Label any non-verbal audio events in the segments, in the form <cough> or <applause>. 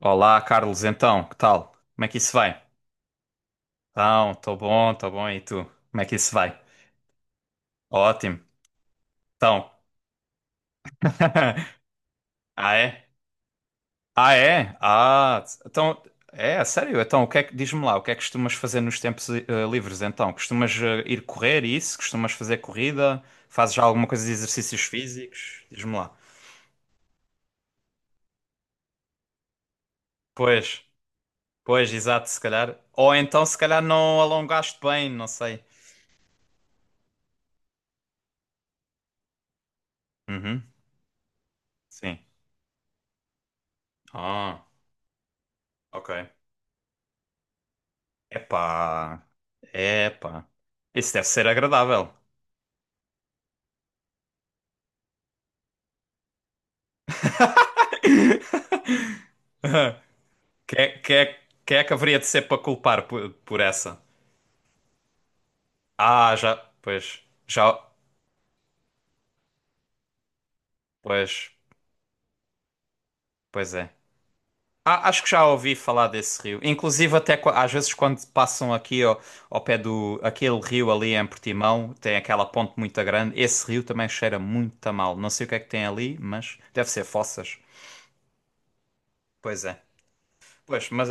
Olá, Carlos, então, que tal? Como é que isso vai? Então, estou bom, e tu? Como é que isso vai? Ótimo. Então, <laughs> ah é? Ah é? Ah, então, é, a sério? Então, o que é que, diz-me lá, o que é que costumas fazer nos tempos livres, então? Costumas ir correr e isso? Costumas fazer corrida? Fazes já alguma coisa de exercícios físicos? Diz-me lá. Pois, pois, exato, se calhar. Ou então, se calhar não alongaste bem, não sei. Uhum, sim. Ah, ok. Epá, epá. Isso deve ser agradável. Quem é, quem é- quem é que haveria de ser para culpar por essa? Ah, pois, já, pois, pois é. Ah, acho que já ouvi falar desse rio. Inclusive até às vezes quando passam aqui ao pé do, aquele rio ali em Portimão, tem aquela ponte muito grande. Esse rio também cheira muito a mal. Não sei o que é que tem ali, mas deve ser fossas. Pois é. Pois, mas,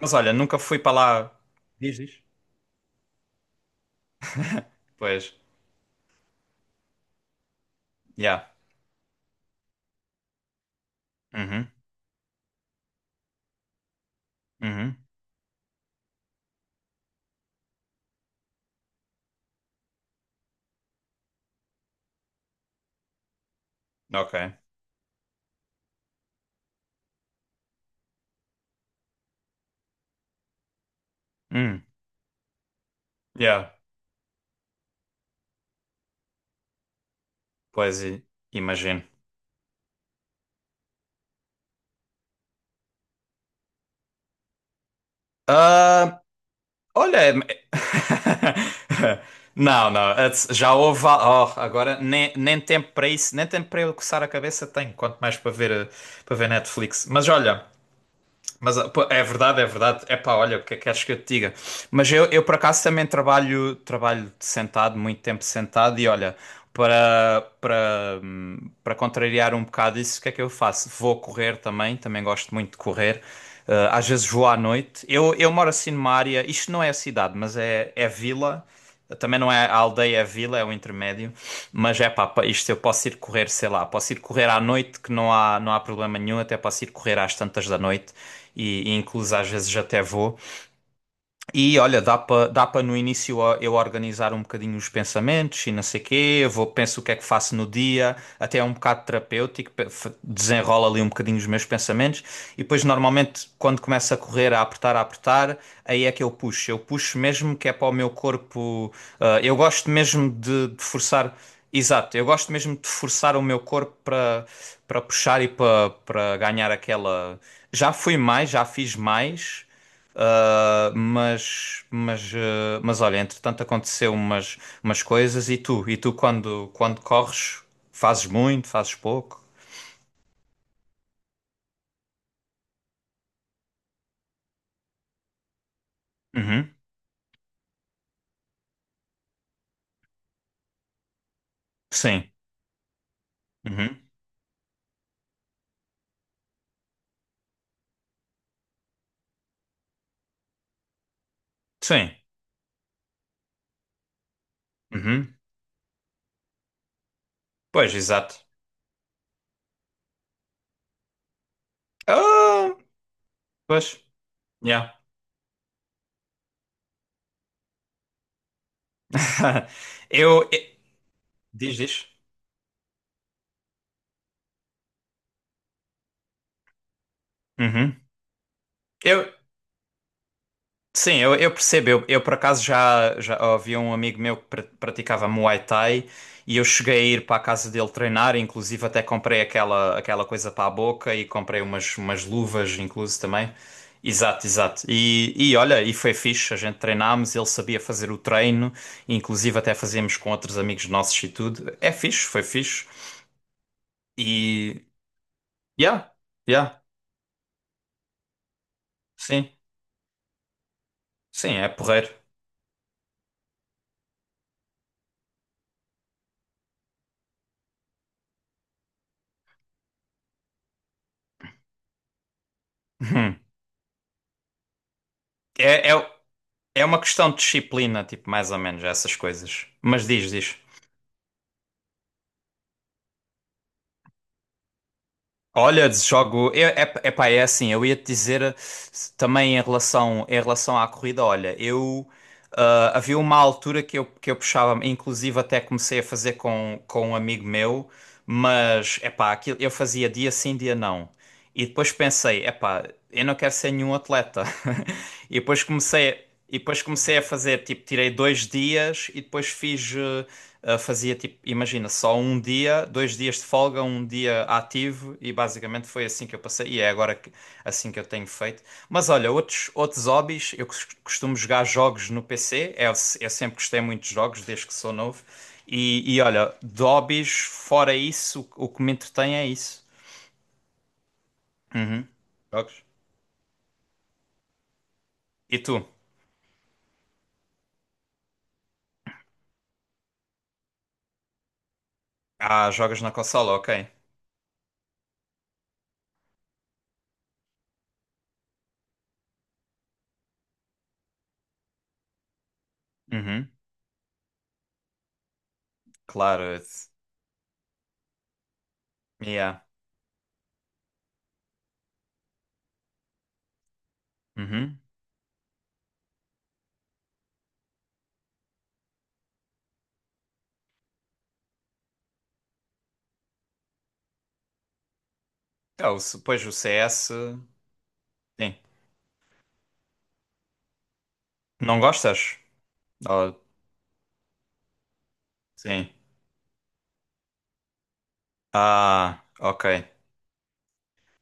mas olha, nunca fui para lá. Diz, diz. Pois, já. Uhum, uhum. Ok. Hum, yeah, pois i- imagino. Ah, olha, <laughs> não, não, já houve. Oh, agora nem tempo para isso, nem tempo para eu coçar a cabeça tenho, quanto mais para ver, para ver Netflix. Mas olha. Mas ah, pô, é verdade, é verdade. É pá, olha, o que é que queres que eu te diga? Mas eu por acaso também trabalho, trabalho sentado, muito tempo sentado, e olha, para, para, hum, para contrariar um bocado isso, o que é que eu faço? Vou correr também, também gosto muito de correr. Às vezes vou à noite. Eu moro assim numa área, isto não é a cidade, é vila. Também não é a aldeia, é a vila, é o intermédio. Mas é pá, isto eu posso ir correr, sei lá, posso ir correr à noite, que não não há problema nenhum, até posso ir correr às tantas da noite e incluso às vezes até vou. E olha, dá para no início ó, eu organizar um bocadinho os pensamentos e não sei quê, eu vou, penso o que é que faço no dia, até é um bocado terapêutico, desenrola ali um bocadinho os meus pensamentos e depois normalmente quando começa a correr, a apertar, aí é que eu puxo mesmo que é para o meu corpo, ah, eu gosto mesmo de forçar, exato, eu gosto mesmo de forçar o meu corpo para puxar e para ganhar aquela, já fui mais, já fiz mais. Mas olha, entretanto aconteceu umas, umas coisas e tu quando corres, fazes muito, fazes pouco? Uhum. Sim. Uhum. Sim. Uhum. Pois, exato. Ah, pois, yeah. <laughs> Eu, eu- Diz, diz. Uhum. Eu, Sim, eu percebo. Por acaso já, já havia um amigo meu que praticava Muay Thai e eu cheguei a ir para a casa dele treinar, inclusive até comprei aquela, aquela coisa para a boca e comprei umas, umas luvas, incluso também. Exato, exato. E olha, e foi fixe, a gente treinámos, ele sabia fazer o treino, inclusive até fazíamos com outros amigos nossos e tudo. É fixe, foi fixe. E. Yeah, yeah, sim, sim, é porreiro. <laughs> Hum. É, é, é uma questão de disciplina, tipo, mais ou menos, essas coisas. Mas diz, diz. Olha, jogo. É, é, é pá, é assim, eu ia te dizer também em relação à corrida, olha, eu. Ah, havia uma altura que que eu puxava, inclusive até comecei a fazer com um amigo meu, mas é pá, aquilo, eu fazia dia sim, dia não. E depois pensei, epá, eu não quero ser nenhum atleta. <laughs> E depois comecei a fazer, tipo, tirei dois dias e depois fiz, fazia tipo, imagina, só um dia, dois dias de folga, um dia ativo e basicamente foi assim que eu passei e é agora que, assim que eu tenho feito. Mas olha, outros, outros hobbies, eu costumo jogar jogos no PC, eu, se- eu sempre gostei muito de jogos desde que sou novo. E olha, de hobbies, fora isso, o que me entretém é isso. Jogos. E tu? Ah, jogas na consola, ok. Uhum, claro. Yeah. Uhum. Ah, pois o CS. Sim. Não gostas? Oh, sim. Ah, ok.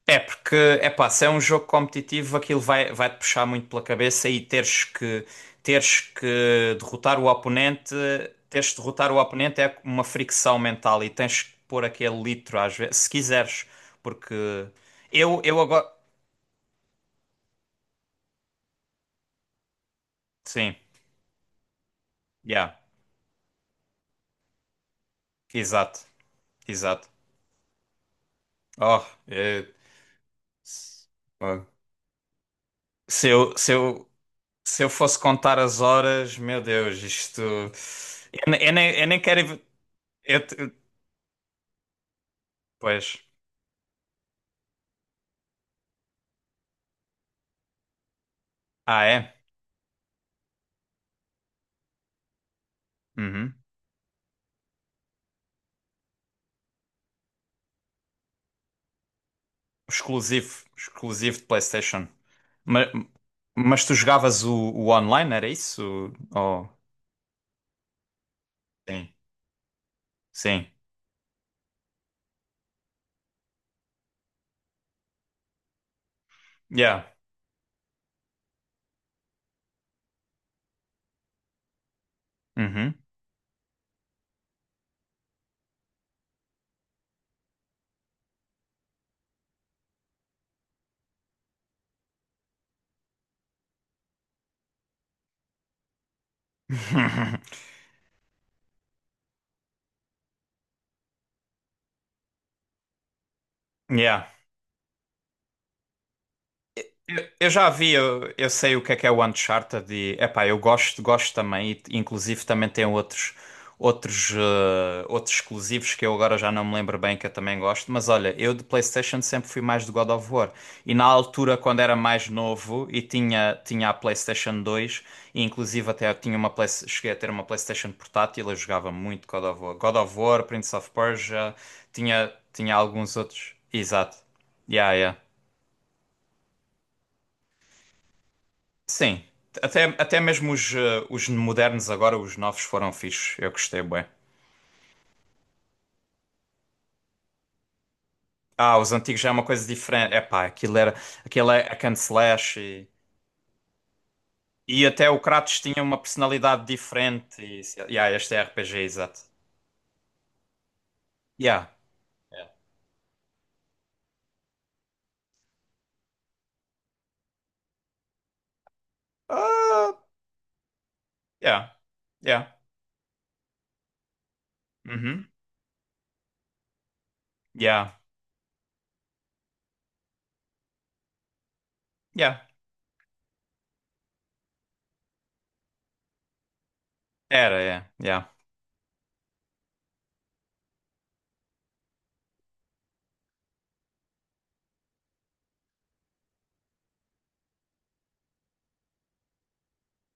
É porque, é pá, se é um jogo competitivo, aquilo vai-te puxar muito pela cabeça e teres que derrotar o oponente. Teres que derrotar o oponente é uma fricção mental e tens que pôr aquele litro às vezes, se quiseres. Porque eu agora. Sim, yeah, exato. Exato. Ó é- oh. Se se eu fosse contar as horas, meu Deus, isto. Eu, eu nem quero. Eu, te- pois. Ah, é? Uhum. Exclusivo. Exclusivo de PlayStation. Mas, mas tu jogavas o online, era isso? Oh, sim. Sim. Yeah. Uhum. <laughs> Yeah. Eu já vi, eu sei o que é o Uncharted e, epá, eu gosto, gosto também e inclusive também tem outros outros exclusivos que eu agora já não me lembro bem que eu também gosto, mas olha, eu de PlayStation sempre fui mais de God of War e na altura quando era mais novo e tinha a PlayStation 2 e inclusive até eu tinha uma cheguei a ter uma PlayStation portátil, eu jogava muito God of War, Prince of Persia, tinha alguns outros. Exato. Yeah, yeah. Sim. Até mesmo os, os modernos agora, os novos foram fixos. Eu gostei bem. Ah, os antigos já é uma coisa diferente. Epá, aquilo era, aquilo é hack and slash e até o Kratos tinha uma personalidade diferente. E, yeah, este é RPG, exato. Yeah. Yeah. Ah, yeah. Yeah. Uhum. Yeah. Yeah. Era, é. Yeah.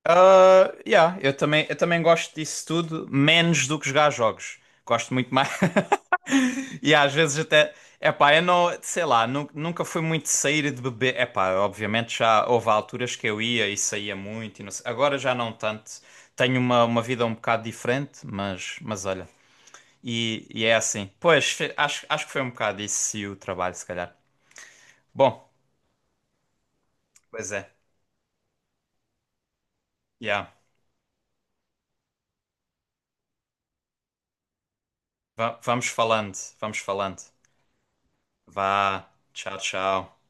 Ah, yeah, eu também gosto disso tudo, menos do que jogar jogos. Gosto muito mais. <laughs> E às vezes até. Epá, eu não. Sei lá, nunca fui muito de sair e de beber. Epá, obviamente já houve alturas que eu ia e saía muito. E não sei- Agora já não tanto. Tenho uma vida um bocado diferente, mas olha. E é assim. Pois, acho que foi um bocado isso e o trabalho, se calhar. Bom, pois é. Yeah. Vamos falando, vamos falando. Vá, tchau, tchau.